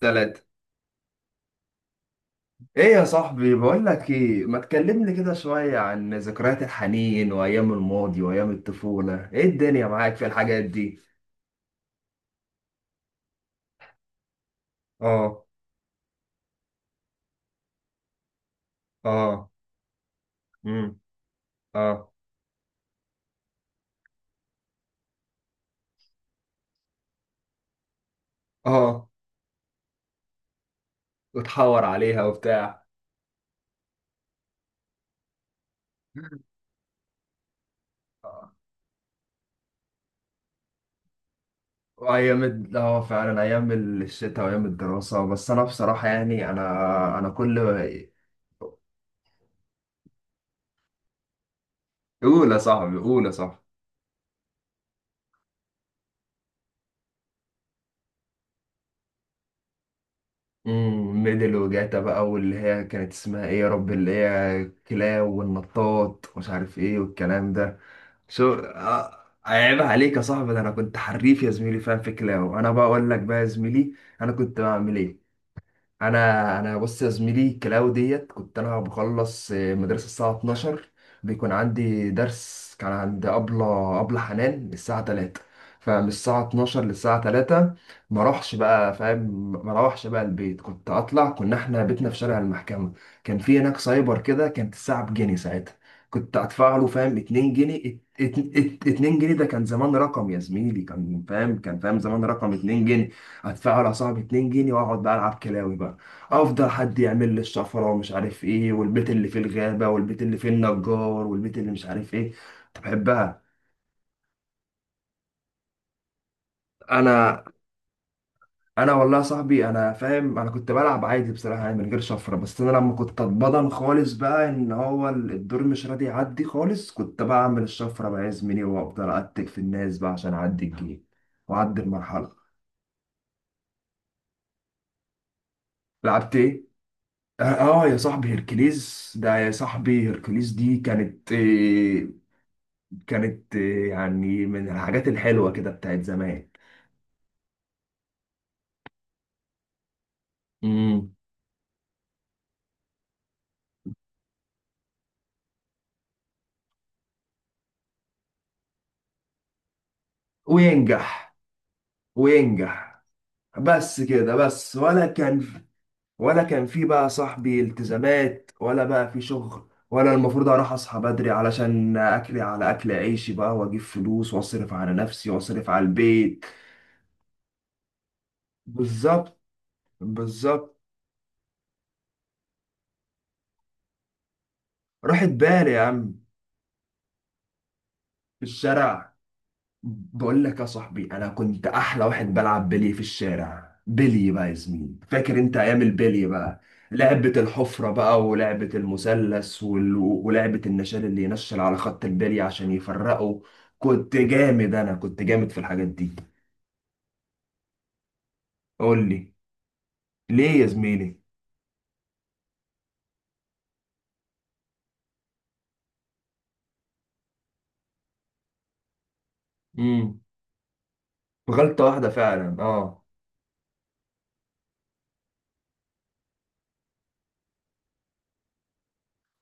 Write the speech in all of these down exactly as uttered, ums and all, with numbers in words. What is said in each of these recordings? ثلاثة. ايه يا صاحبي؟ بقول لك ايه، ما تكلمني كده شوية عن ذكريات الحنين وايام الماضي وايام الطفولة، ايه الدنيا معاك في الحاجات دي؟ اه. اه. امم اه. اه وتحور عليها وبتاع. آه، وايام ال- اه فعلا ايام الشتاء وايام الدراسة. بس انا بصراحة يعني انا انا كل... قول يا صاحبي، قول يا صاحبي. امم ميدل وجاتا بقى، واللي هي كانت اسمها ايه يا رب؟ اللي هي كلاو والنطاط ومش عارف ايه والكلام ده. شو آه، عيب عليك يا صاحبي، ده انا كنت حريف يا زميلي فاهم في كلاو. انا بقى اقول لك بقى يا زميلي انا كنت بعمل ايه. انا انا بص يا زميلي، الكلاو ديت كنت انا بخلص آه، مدرسه الساعه اتناشر، بيكون عندي درس كان عند ابله ابله حنان الساعه ثلاثة. فمن الساعه اثنا عشر للساعه ثلاثة ما اروحش بقى، فاهم؟ ما اروحش بقى البيت، كنت اطلع. كنا احنا بيتنا في شارع المحكمه، كان في هناك سايبر كده، كانت الساعه بجنيه ساعتها. كنت ادفع له فاهم اتنين جنيه، ات- ات- ات- اتنين جنيه ده كان زمان رقم يا زميلي، كان فاهم، كان فاهم زمان رقم اتنين جنيه. ادفع له يا صاحبي اتنين جنيه واقعد بقى العب كلاوي بقى. افضل حد يعمل لي الشفره ومش عارف ايه، والبيت اللي فيه الغابه، والبيت اللي فيه النجار، والبيت اللي مش عارف ايه. كنت بحبها. انا انا والله يا صاحبي انا فاهم، انا كنت بلعب عادي بصراحه، يعني من غير شفره. بس انا لما كنت اتبضن خالص بقى ان هو ال- الدور مش راضي يعدي خالص، كنت بعمل الشفره بقى يا زميلي وافضل اتك في الناس بقى عشان اعدي الجيم واعدي المرحله. لعبت ايه؟ اه. آه يا صاحبي هيركليز ده، يا صاحبي هيركليز دي كانت آه، كانت آه، يعني من الحاجات الحلوة كده بتاعت زمان. امم وينجح. وينجح بس كده، بس ولا كان، ولا كان في بقى صاحبي التزامات، ولا بقى في شغل، ولا المفروض اروح اصحى بدري علشان اكلي على اكل عيشي بقى واجيب فلوس واصرف على نفسي واصرف على البيت. بالظبط. بالظبط. راحت بالي يا عم. في الشارع، بقول لك يا صاحبي انا كنت احلى واحد بلعب بلي في الشارع. بلي بقى يا زميلي، فاكر انت ايام البلي بقى؟ لعبة الحفرة بقى، ولعبة المثلث، وال... ولعبة النشال اللي ينشل على خط البلي عشان يفرقه. كنت جامد، انا كنت جامد في الحاجات دي. قول لي. ليه يا زميلي؟ امم غلطة واحدة فعلا، اه.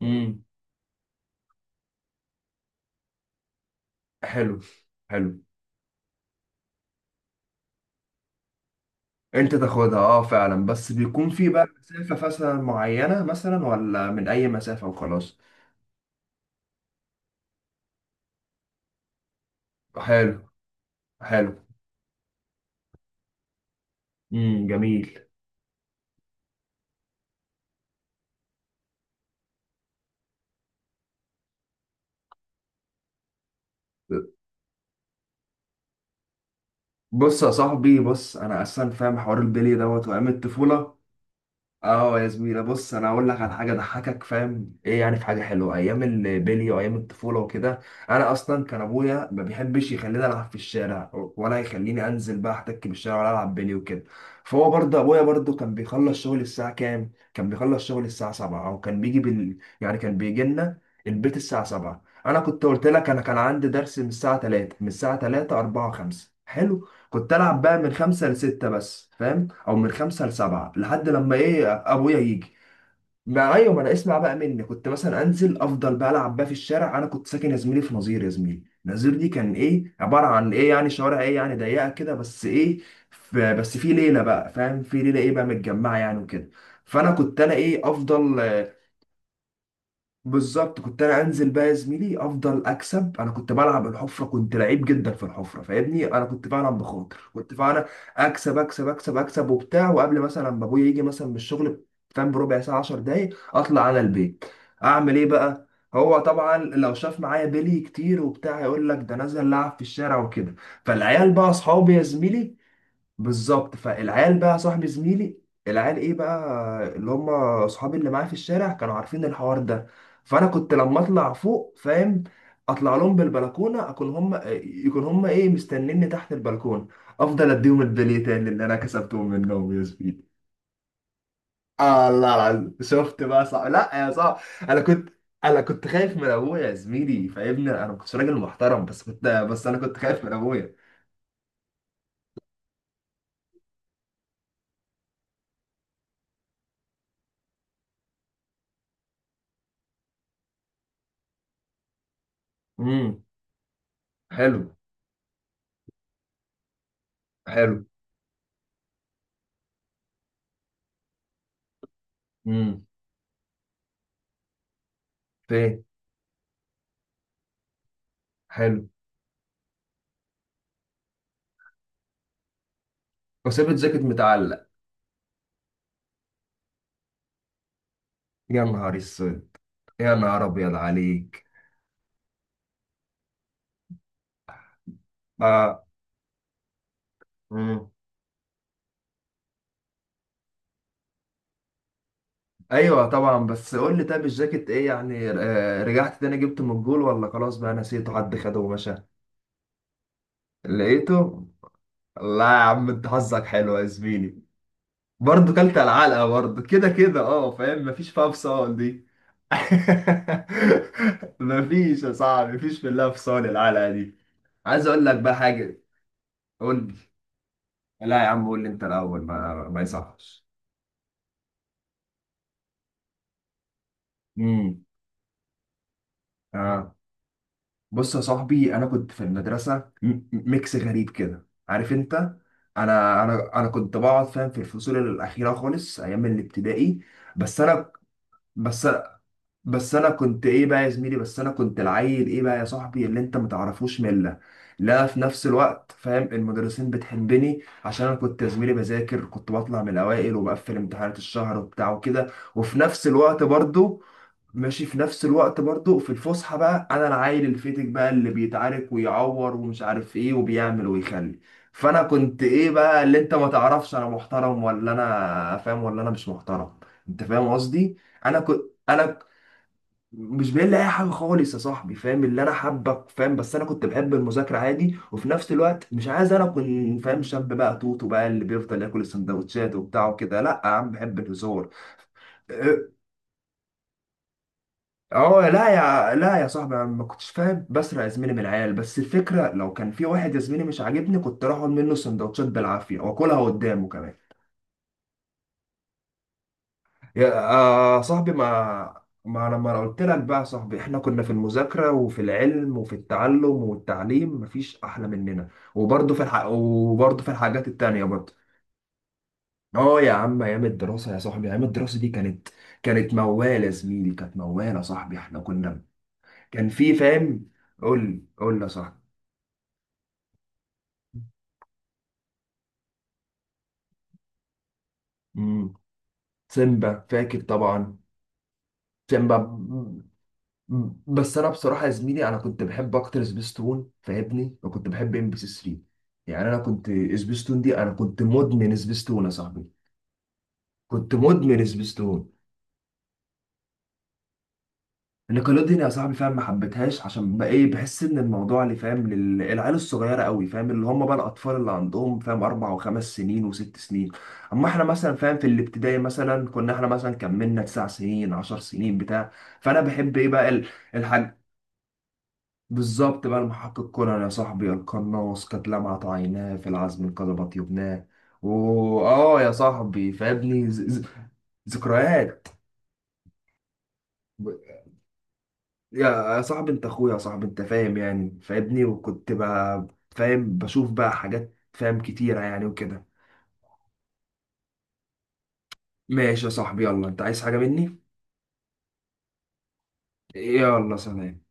امم حلو. حلو. انت تاخدها، اه فعلا. بس بيكون في بقى مسافة مثلا معينة، مثلا، ولا من اي مسافة وخلاص؟ حلو. حلو. امم جميل. بص يا صاحبي، بص انا اصلا فاهم حوار البلي دوت وايام الطفوله. اه يا زميلة بص، انا اقول لك على حاجه ضحكك فاهم ايه يعني، في حاجه حلوه ايام البلي وايام الطفوله وكده. انا اصلا كان ابويا ما بيحبش يخليني العب في الشارع، ولا يخليني انزل بقى احتك بالشارع، ولا العب بلي وكده. فهو برضه ابويا برضه كان بيخلص شغل الساعه كام؟ كان بيخلص شغل الساعه سبعة، او كان بيجي بال... يعني كان بيجي لنا البيت الساعه سبعة. انا كنت قلت لك انا كان عندي درس من الساعه ثلاثة. من الساعه ثلاثة، اربعة، خمسة، حلو، كنت العب بقى من خمسة ل ستة بس، فاهم؟ او من خمسة لسبعة لحد لما ايه ابويا يجي. ما ايوه، ما انا اسمع بقى مني، كنت مثلا انزل افضل بقى العب بقى في الشارع. انا كنت ساكن يا زميلي في نظير، يا زميلي نظير دي كان ايه عباره عن ايه يعني؟ شوارع ايه يعني ضيقه كده بس ايه، ف- بس في ليله بقى، فاهم، في ليله ايه بقى متجمعه يعني وكده. فانا كنت انا ايه افضل. بالظبط، كنت انا انزل بقى يا زميلي افضل اكسب. انا كنت بلعب الحفره، كنت لعيب جدا في الحفره، فاهمني؟ انا كنت بلعب بخاطر، كنت فعلا اكسب اكسب اكسب اكسب وبتاع. وقبل مثلا ما ابويا يجي مثلا من الشغل فاهم، بربع ساعه، 10 دقايق اطلع انا البيت. اعمل ايه بقى؟ هو طبعا لو شاف معايا بيلي كتير وبتاع يقول لك ده نزل لعب في الشارع وكده. فالعيال بقى اصحابي يا زميلي. بالظبط، فالعيال بقى صاحب زميلي، العيال ايه بقى، اللي هم اصحابي اللي معايا في الشارع، كانوا عارفين الحوار ده. فانا كنت لما اطلع فوق فاهم، اطلع لهم بالبلكونه، اكون هم يكون هم ايه مستنيني تحت البلكونه، افضل اديهم البلي تاني اللي انا كسبتهم منهم يا زميلي. آه الله العظيم. شفت بقى صعب؟ لا يا صعب، انا كنت، انا كنت خايف من ابويا يا زميلي فاهمني. انا ما كنتش راجل محترم، بس كنت بس انا كنت خايف من ابويا. امم حلو. حلو. امم فين؟ حلو. وسابت جاكيت متعلق؟ يا نهار اسود. يا نهار ابيض عليك. آه. مم. ايوه طبعا. بس قول لي، طب الجاكيت ايه يعني؟ آه، رجعت تاني جبته من الجول ولا خلاص بقى نسيته حد خده ومشى؟ لقيته. لا يا عم، انت حظك حلو يا زميلي. برضه كلت على العلقه برضه، كده كده اه فاهم، مفيش فيها فصال دي. مفيش يا صاحبي، مفيش في الله فصال العلقه دي. عايز اقول لك بقى حاجه. قول لي. لا يا عم قول لي انت الاول، ما ما يصحش. امم آه. بص يا صاحبي انا كنت في المدرسه، م- م- ميكس غريب كده، عارف انت؟ انا انا انا كنت بقعد فاهم في الفصول الاخيره خالص ايام الابتدائي. بس انا بس بس انا كنت ايه بقى يا زميلي، بس انا كنت العيل ايه بقى يا صاحبي اللي انت متعرفوش مله. لا، في نفس الوقت فاهم المدرسين بتحبني عشان انا كنت يا زميلي بذاكر، كنت بطلع من الاوائل وبقفل امتحانات الشهر وبتاع وكده. وفي نفس الوقت برضو، ماشي، في نفس الوقت برضو في الفسحة بقى أنا العيل الفتك بقى اللي بيتعارك ويعور ومش عارف إيه وبيعمل ويخلي. فأنا كنت إيه بقى، اللي أنت ما تعرفش أنا محترم ولا أنا فاهم ولا أنا مش محترم. أنت فاهم قصدي؟ أنا كنت أنا ك- مش باين لي أي حاجة خالص يا صاحبي فاهم، اللي أنا حابك فاهم. بس أنا كنت بحب المذاكرة عادي، وفي نفس الوقت مش عايز أنا أكون فاهم شاب بقى توتو بقى اللي بيفضل ياكل السندوتشات وبتاع وكده. لأ يا عم، بحب الهزار. اه، لا يا، لا يا صاحبي انا ما كنتش فاهم بسرق يا زميلي من العيال، بس الفكره لو كان في واحد يا زميلي مش عاجبني كنت اخد منه سندوتشات بالعافيه واكلها قدامه كمان. يا آه، آه، صاحبي ما ما لما انا قلت لك بقى يا صاحبي، احنا كنا في المذاكره وفي العلم وفي التعلم والتعليم مفيش احلى مننا. وبرضه في الح... وبرضه في الحاجات التانيه برضه. اه يا عم، ايام الدراسه يا صاحبي، ايام الدراسه دي كانت، كانت موالة يا زميلي، كانت موالة يا صاحبي. احنا كنا، كان في فاهم. قول لي، قول لي يا صاحبي. مم. سيمبا فاكر طبعا. سيمبا. مم. مم. بس انا بصراحه يا زميلي انا كنت بحب اكتر سبيستون فاهمني، وكنت بحب ام بي سي ام بي سي تري. يعني انا كنت، سبيستون دي انا كنت مدمن سبيستون يا صاحبي. كنت مدمن سبيستون. نيكلوديان يا صاحبي فاهم ما حبيتهاش عشان بقى ايه، بحس ان الموضوع اللي فاهم للعيال الصغيره قوي، فاهم اللي هم بقى الاطفال اللي عندهم فاهم اربع وخمس سنين وست سنين. اما احنا مثلا فاهم في الابتدائي مثلا كنا احنا مثلا كملنا تسع سنين عشر سنين بتاع. فانا بحب ايه بقى ال- الحاج بالظبط بقى، المحقق كونان يا صاحبي، القناص قد لمعت عيناه في العزم انقلب طيبناه. واه يا صاحبي فابني ز- ز- ذكريات. يا صاحبي انت اخويا يا صاحبي، انت فاهم يعني فاهمني. وكنت بقى فاهم بشوف بقى حاجات فاهم كتيرة يعني وكده. ماشي يا صاحبي، يلا، انت عايز حاجة مني؟ يلا، سلام.